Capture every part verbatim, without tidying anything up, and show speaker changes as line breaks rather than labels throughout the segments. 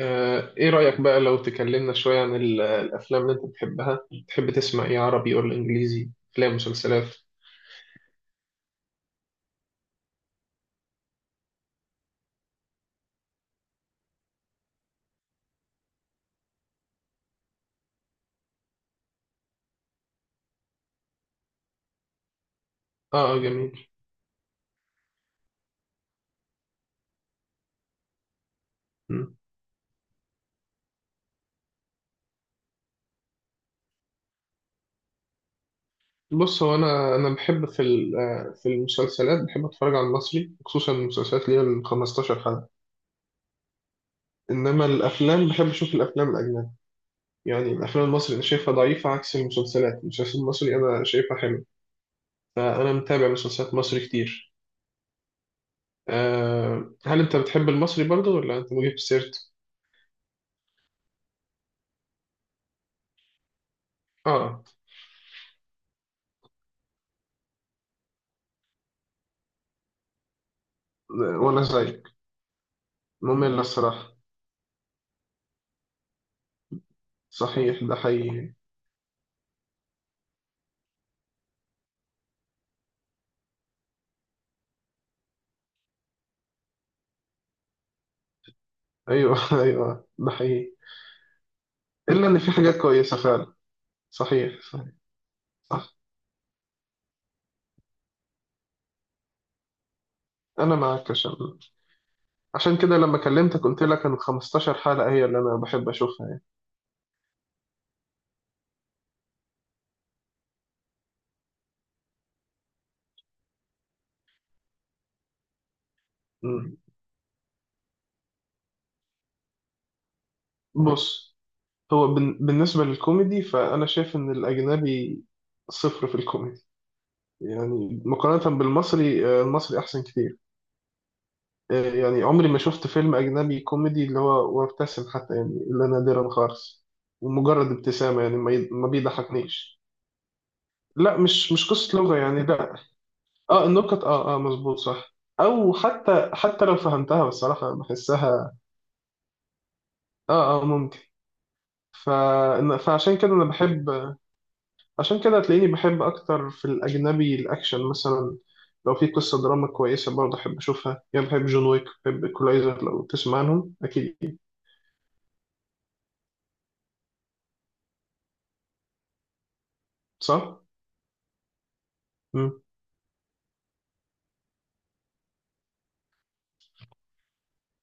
آه، ايه رأيك بقى لو تكلمنا شوية عن ال- الافلام اللي انت بتحبها. تحب تسمع ايه، عربي ولا انجليزي؟ افلام مسلسلات؟ اه آه، جميل. مم. بص، هو انا انا بحب في ال- آه، في المسلسلات بحب اتفرج على المصري، خصوصا المسلسلات اللي هي ال خمستاشر حلقة. انما الافلام بحب اشوف الافلام الاجنبي. يعني الافلام المصري انا شايفها ضعيفة، عكس المسلسلات، المسلسل المصري انا شايفها حلو. فانا متابع مسلسلات مصري كتير. آه، هل انت بتحب المصري برضه ولا انت مجيب سيرت؟ اه. وانا زيك. مملة الصراحة. صحيح، ده حقيقي. أيوه أيوه ده حقيقي. إلا إن في حاجات كويسة فعلا. صحيح صحيح. صح. أنا معاك. عشان عشان كده لما كلمتك قلت لك إن خمستاشر حلقة هي اللي أنا بحب أشوفها يعني. أمم. بص. هو بن... بالنسبة للكوميدي فأنا شايف إن الأجنبي صفر في الكوميدي. يعني مقارنة بالمصري، آه، المصري أحسن كتير. يعني عمري ما شفت فيلم أجنبي كوميدي اللي هو وابتسم حتى، يعني إلا نادرا خالص. ومجرد ابتسامة، يعني ما ي- ما بيضحكنيش. لا، مش مش قصة لغة يعني، لا. اه النكت اه اه مظبوط صح. أو حتى حتى لو فهمتها بصراحة بحسها اه اه ممكن. ف... فعشان كده أنا بحب، عشان كده هتلاقيني بحب أكتر في الأجنبي الأكشن مثلا. لو في قصة دراما كويسة برضه أحب أشوفها. يعني بحب جون ويك، بحب إيكولايزر، لو تسمع عنهم أكيد، صح؟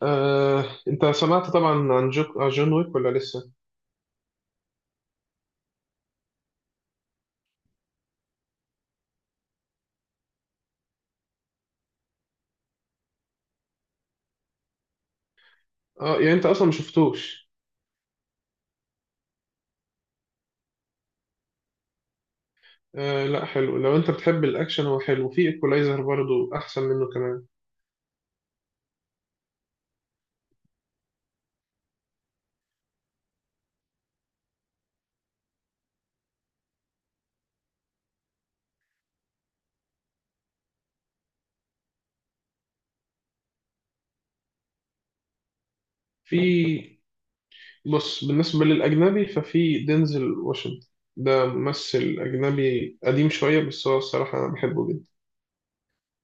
آه، انت سمعت طبعا عن جو... عن جون ويك ولا لسه؟ اه، يعني انت اصلا ما شفتوش. آه لا حلو، لو انت بتحب الاكشن هو حلو، في ايكولايزر برضو احسن منه كمان. في، بص بالنسبة للاجنبي ففي دينزل واشنطن، ده ممثل اجنبي قديم شوية بس هو الصراحة انا بحبه جدا.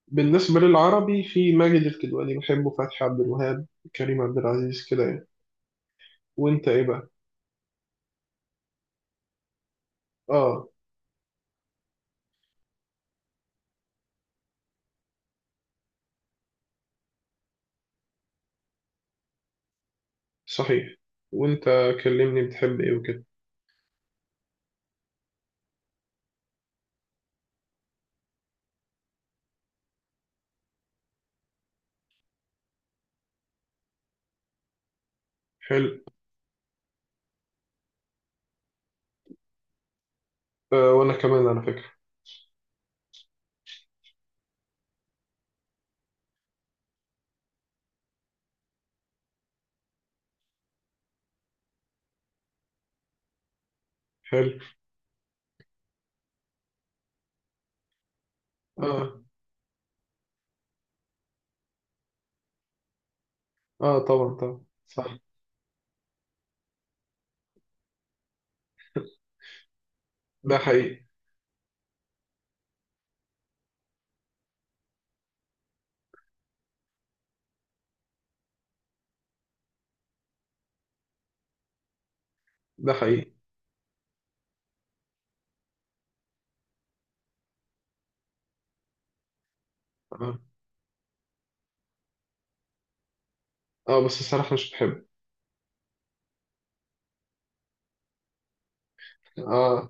بالنسبة للعربي في ماجد الكدواني بحبه، فتحي عبد الوهاب، كريم عبد العزيز كده يعني. وانت ايه بقى؟ اه. صحيح. وانت كلمني بتحب ايه وكده. حلو. آه وانا كمان على فكرة. حلو. مم. اه. اه طبعا طبعا صح. ده حقيقي. ده حقيقي. اه اه. بس الصراحة مش بحب. اه,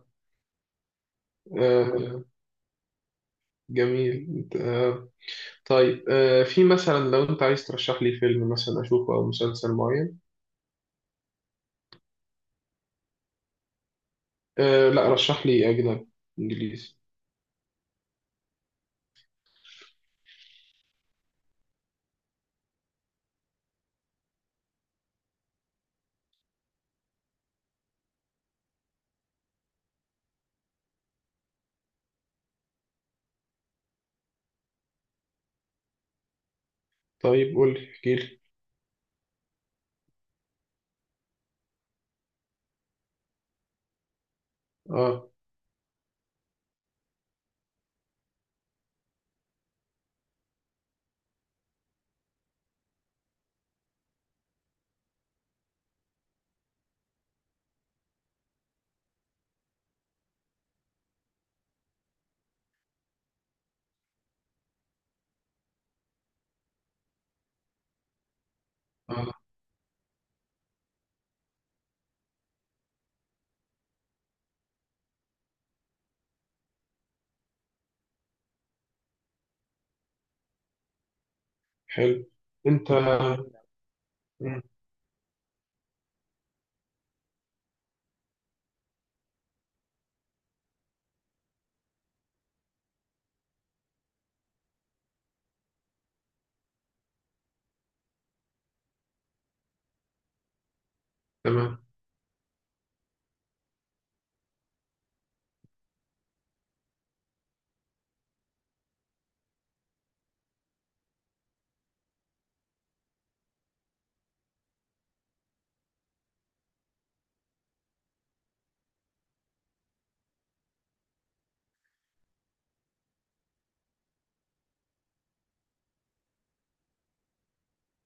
آه. جميل آه. طيب، آه في مثلا لو انت عايز ترشح لي فيلم مثلا اشوفه او مسلسل معين؟ آه لا، رشح لي اجنبي، انجليزي. طيب قول لي، احكي لي. اه اه. حلو. انت. مم، تمام.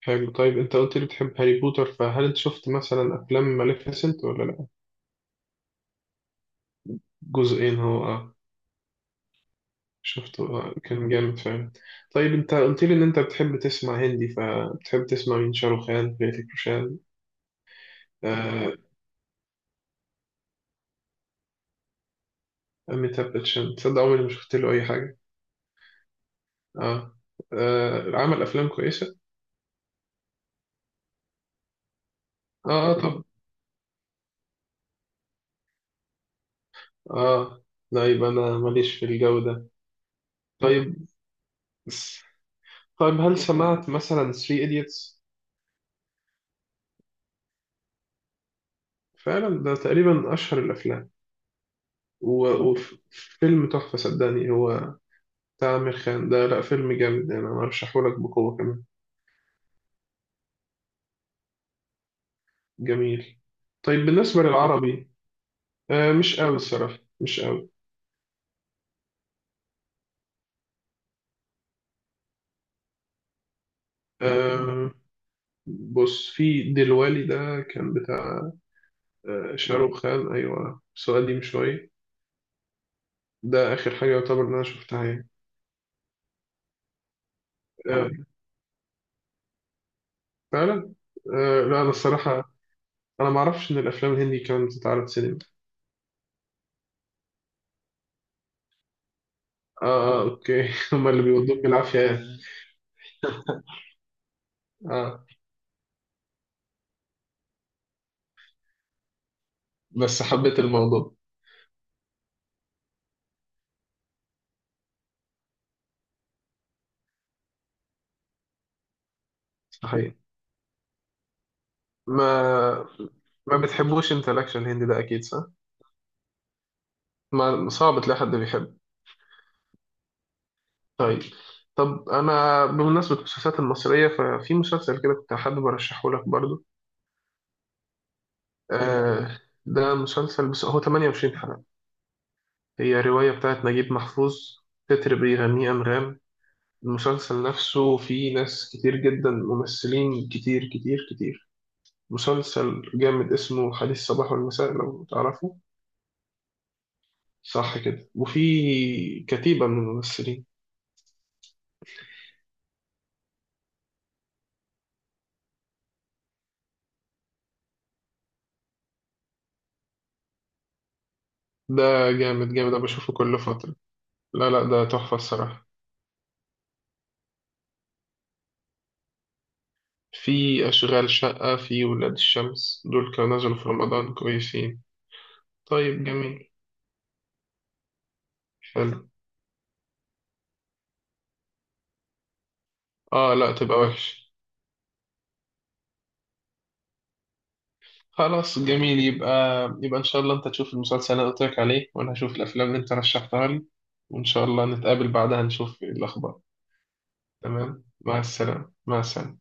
حلو. طيب انت قلت لي بتحب هاري بوتر، فهل انت شفت مثلا افلام ماليفيسنت ولا لا؟ جزئين هو اه. شفته آه، كان جامد فعلا. طيب، انت قلت لي ان انت بتحب تسمع هندي، فبتحب تسمع مين؟ شاروخ خان؟ هريتيك روشان؟ آه، أميتاب باتشان، تصدق عمري ما شفت له اي حاجه. اه, آه. عمل افلام كويسه. اه اه طب اه، لا يبقى انا ماليش في الجو ده. طيب. طيب هل سمعت مثلا ثلاثة ايديتس؟ فعلا ده تقريبا اشهر الافلام. و- وفيلم تحفه صدقني، هو بتاع عامر خان ده، لا فيلم جامد يعني، انا ارشحه لك بقوه كمان. جميل. طيب بالنسبة للعربي. آه مش قوي الصراحة، مش قوي. آه بص، في دلوالي ده كان بتاع، آه شاروخ خان أيوة، بس هو قديم شوية. ده آخر حاجة يعتبر إن أنا شفتها يعني. آه. فعلا. آه لا أنا الصراحة، أنا معرفش إن الأفلام الهندي كانت بتتعرض سينما. آه آه أوكي هما اللي بيودوك بالعافية يعني. آه. بس حبيت الموضوع. صحيح. ما ما بتحبوش أنت الأكشن الهندي ده أكيد، صح؟ ما صعب تلاقي حد بيحبه. طيب. طب انا بمناسبه المسلسلات المصريه ففي مسلسل كده كنت حابب ارشحه لك برضو. آه. ده مسلسل بس هو تمنية وعشرين حلقه. هي روايه بتاعت نجيب محفوظ، تتر بيغنيه انغام. المسلسل نفسه فيه ناس كتير جدا، ممثلين كتير كتير كتير. مسلسل جامد، اسمه حديث الصباح والمساء، لو تعرفه. صح كده، وفي كتيبه من الممثلين. ده جامد جامد، انا بشوفه كل فتره. لا لا ده تحفه الصراحه. في أشغال شقة، في ولاد الشمس، دول كانوا نزلوا في رمضان كويسين. طيب جميل. حلو. آه لا تبقى وحش. خلاص جميل، يبقى يبقى إن شاء الله أنت تشوف المسلسل اللي أنا قلت لك عليه، وأنا هشوف الأفلام اللي أنت رشحتها لي. وإن شاء الله نتقابل بعدها نشوف الأخبار. تمام. مع السلامة مع السلامة.